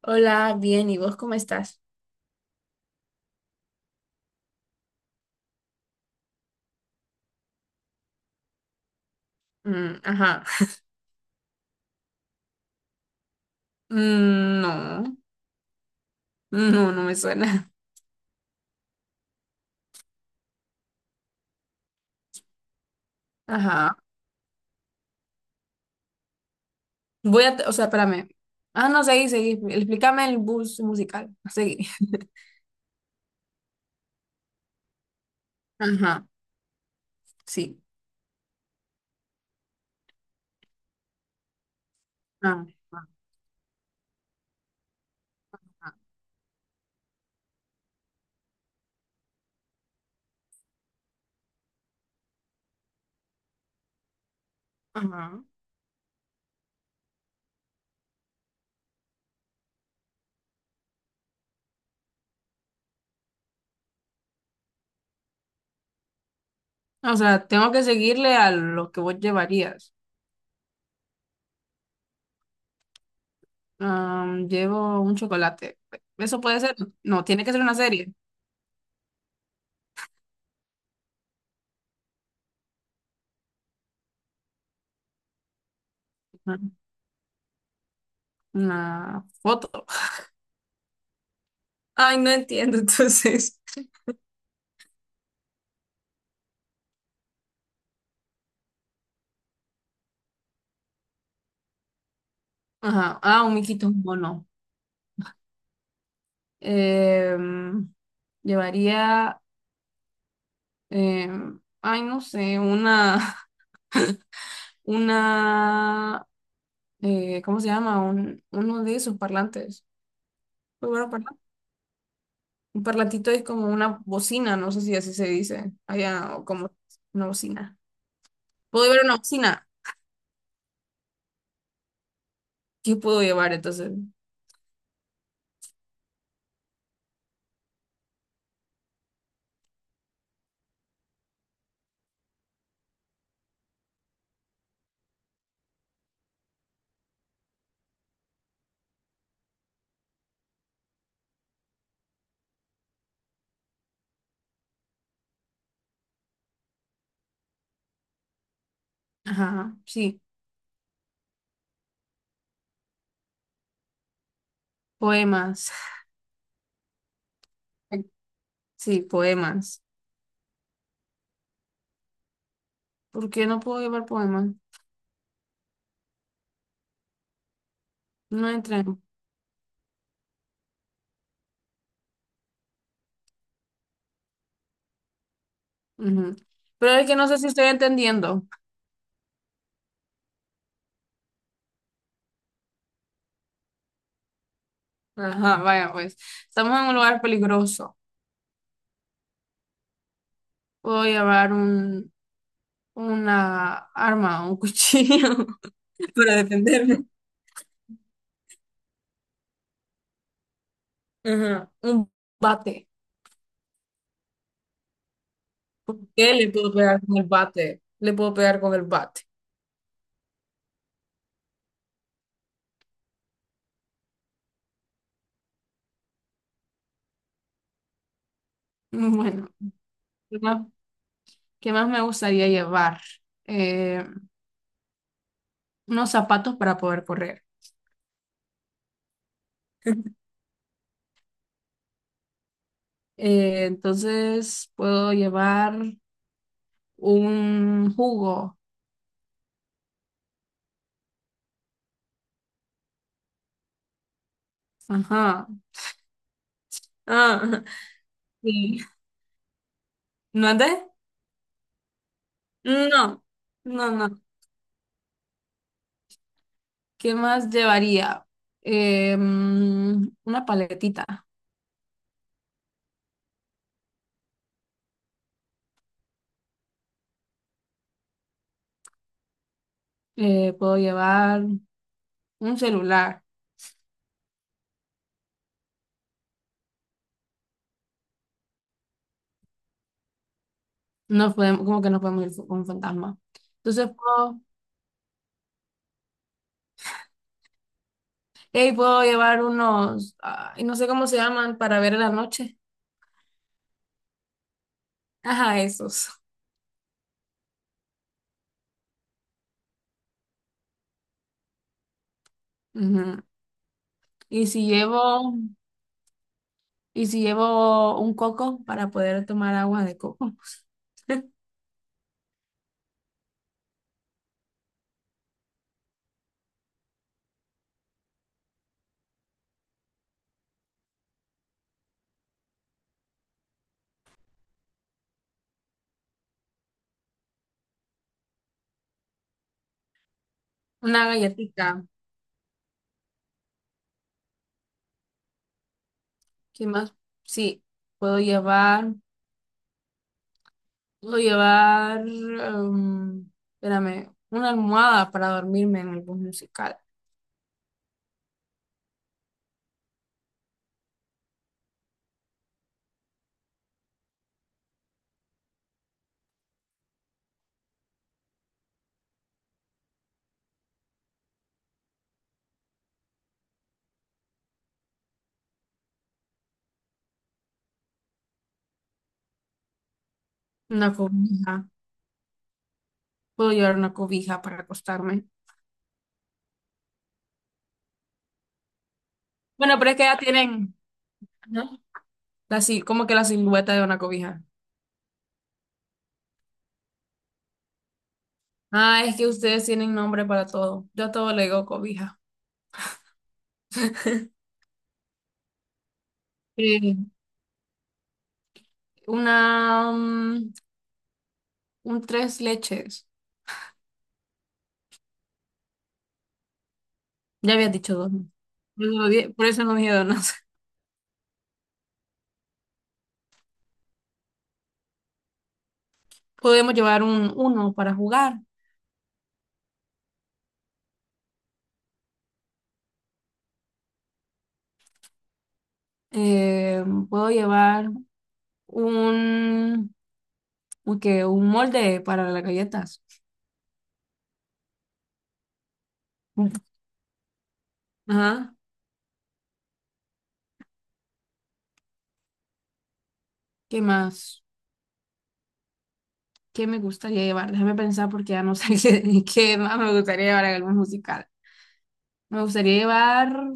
Hola, bien, ¿y vos cómo estás? Mm, ajá. Mm, no, no me suena. Ajá. Voy a, o sea, espérame. Ah, no, seguí, seguí. Explícame el bus musical. Seguí. Ajá, sí. Ah, ajá. Ajá. O sea, tengo que seguirle a lo que vos llevarías. Llevo un chocolate. ¿Eso puede ser? No, tiene que ser una serie. Ajá. Una foto. Ay, no entiendo, entonces. Ajá. Ah, un miquito, un mono. Em, Llevaría, ay, no sé, una, ¿cómo se llama? Uno de esos parlantes. Muy bueno, parla- Un parlantito es como una bocina, no sé si así se dice allá, o como una bocina. ¿Puedo llevar una bocina? ¿Qué puedo llevar entonces? Ajá, sí, poemas. Sí, poemas. ¿Por qué no puedo llevar poemas? No entran. Ujú. Pero es que no sé si estoy entendiendo. Ajá, vaya pues, estamos en un lugar peligroso. Puedo llevar una arma, un cuchillo para defenderme. Ajá, un bate. ¿Qué le puedo pegar con el bate? Le puedo pegar con el bate. Bueno, ¿qué más, qué más me gustaría llevar? Eh, unos zapatos para poder correr. Entonces puedo llevar un jugo. Ajá. Ah, sí. ¿No andé? No, no, no. ¿Qué más llevaría? Mm, una paletita. Puedo llevar un celular. No podemos, como que no podemos ir con un fantasma. Entonces puedo, hey, puedo llevar unos, ay, no sé cómo se llaman, para ver en la noche. Ajá, esos. Ujú. Y si llevo, y si llevo un coco para poder tomar agua de coco. Una galletita. ¿Qué más? Sí, puedo llevar. Puedo llevar, espérame, una almohada para dormirme en el bus musical, una cobija. Puedo llevar una cobija para acostarme. Bueno, pero es que ya tienen, ¿no? La, si- como que la silueta de una cobija. Ah, es que ustedes tienen nombre para todo. Yo a todo le digo cobija. Eh, mm, un tres leches. Ya habías dicho dos, ¿no? Por eso no di- por eso no dije donas. Podemos llevar un uno para jugar. Eh, puedo llevar un, que, un molde para las galletas. Mm. Ajá. ¿Qué más? ¿Qué me gustaría llevar? Déjame pensar porque ya no sé qué, qué más me gustaría llevar en algún musical. Me gustaría llevar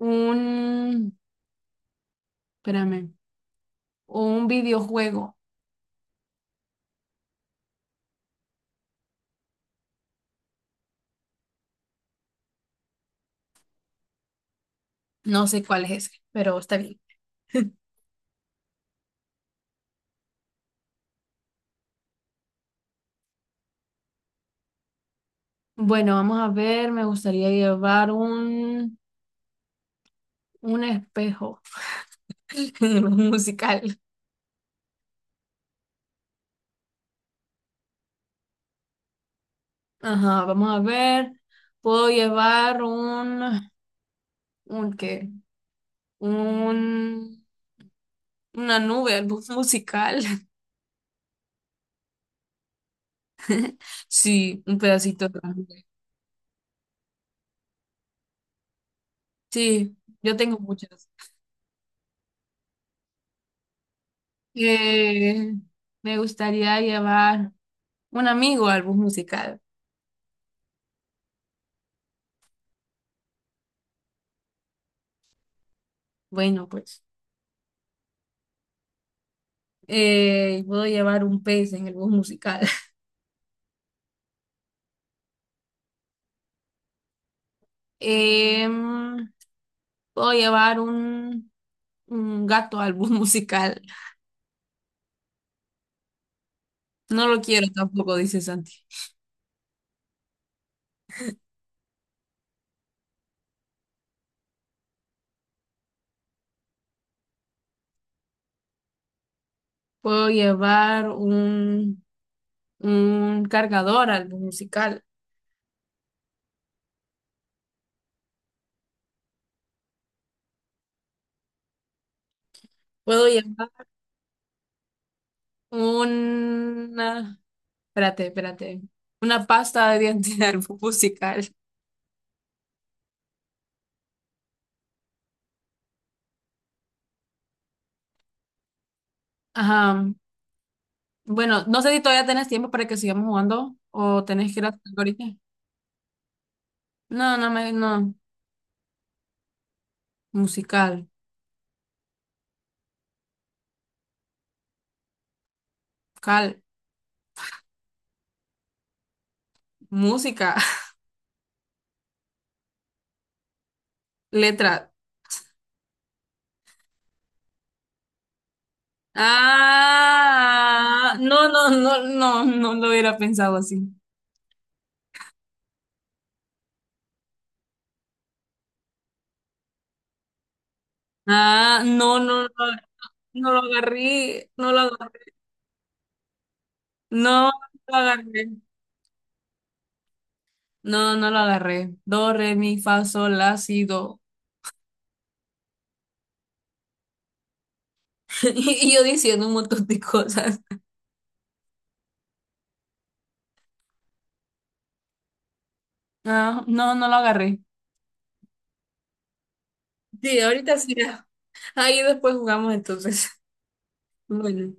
un, espérame, un videojuego. No sé cuál es ese, pero está bien. Bueno, vamos a ver, me gustaría llevar un espejo en un musical. Ajá, vamos a ver. Puedo llevar un ¿qué? un, una nube, algo musical. Sí, un pedacito de la nube. Sí, yo tengo muchas. Eh, me gustaría llevar un amigo al bus musical. Bueno, pues puedo llevar un pez en el bus musical. Em, puedo llevar un gato al bus musical. No lo quiero tampoco, dice Santi. Puedo llevar un cargador al bus musical. Puedo llevar una, espérate, espérate. Una pasta de dientes musical. Ajá. Bueno, no sé si todavía tenés tiempo para que sigamos jugando o tenés que ir a hacer ahorita. No, no me, no. Musical. Cal. Música. Letra. Ah, no, no, no, no, no lo hubiera pensado así. Ah, no, no, no, no lo agarré, no lo agarré, no, no lo agarré, no, no lo agarré. Do, re, mi, fa, sol, la, si, do. Y yo diciendo un montón de cosas. Ah, no, no lo agarré. Sí, ahorita sí. Ahí después jugamos entonces. Bueno.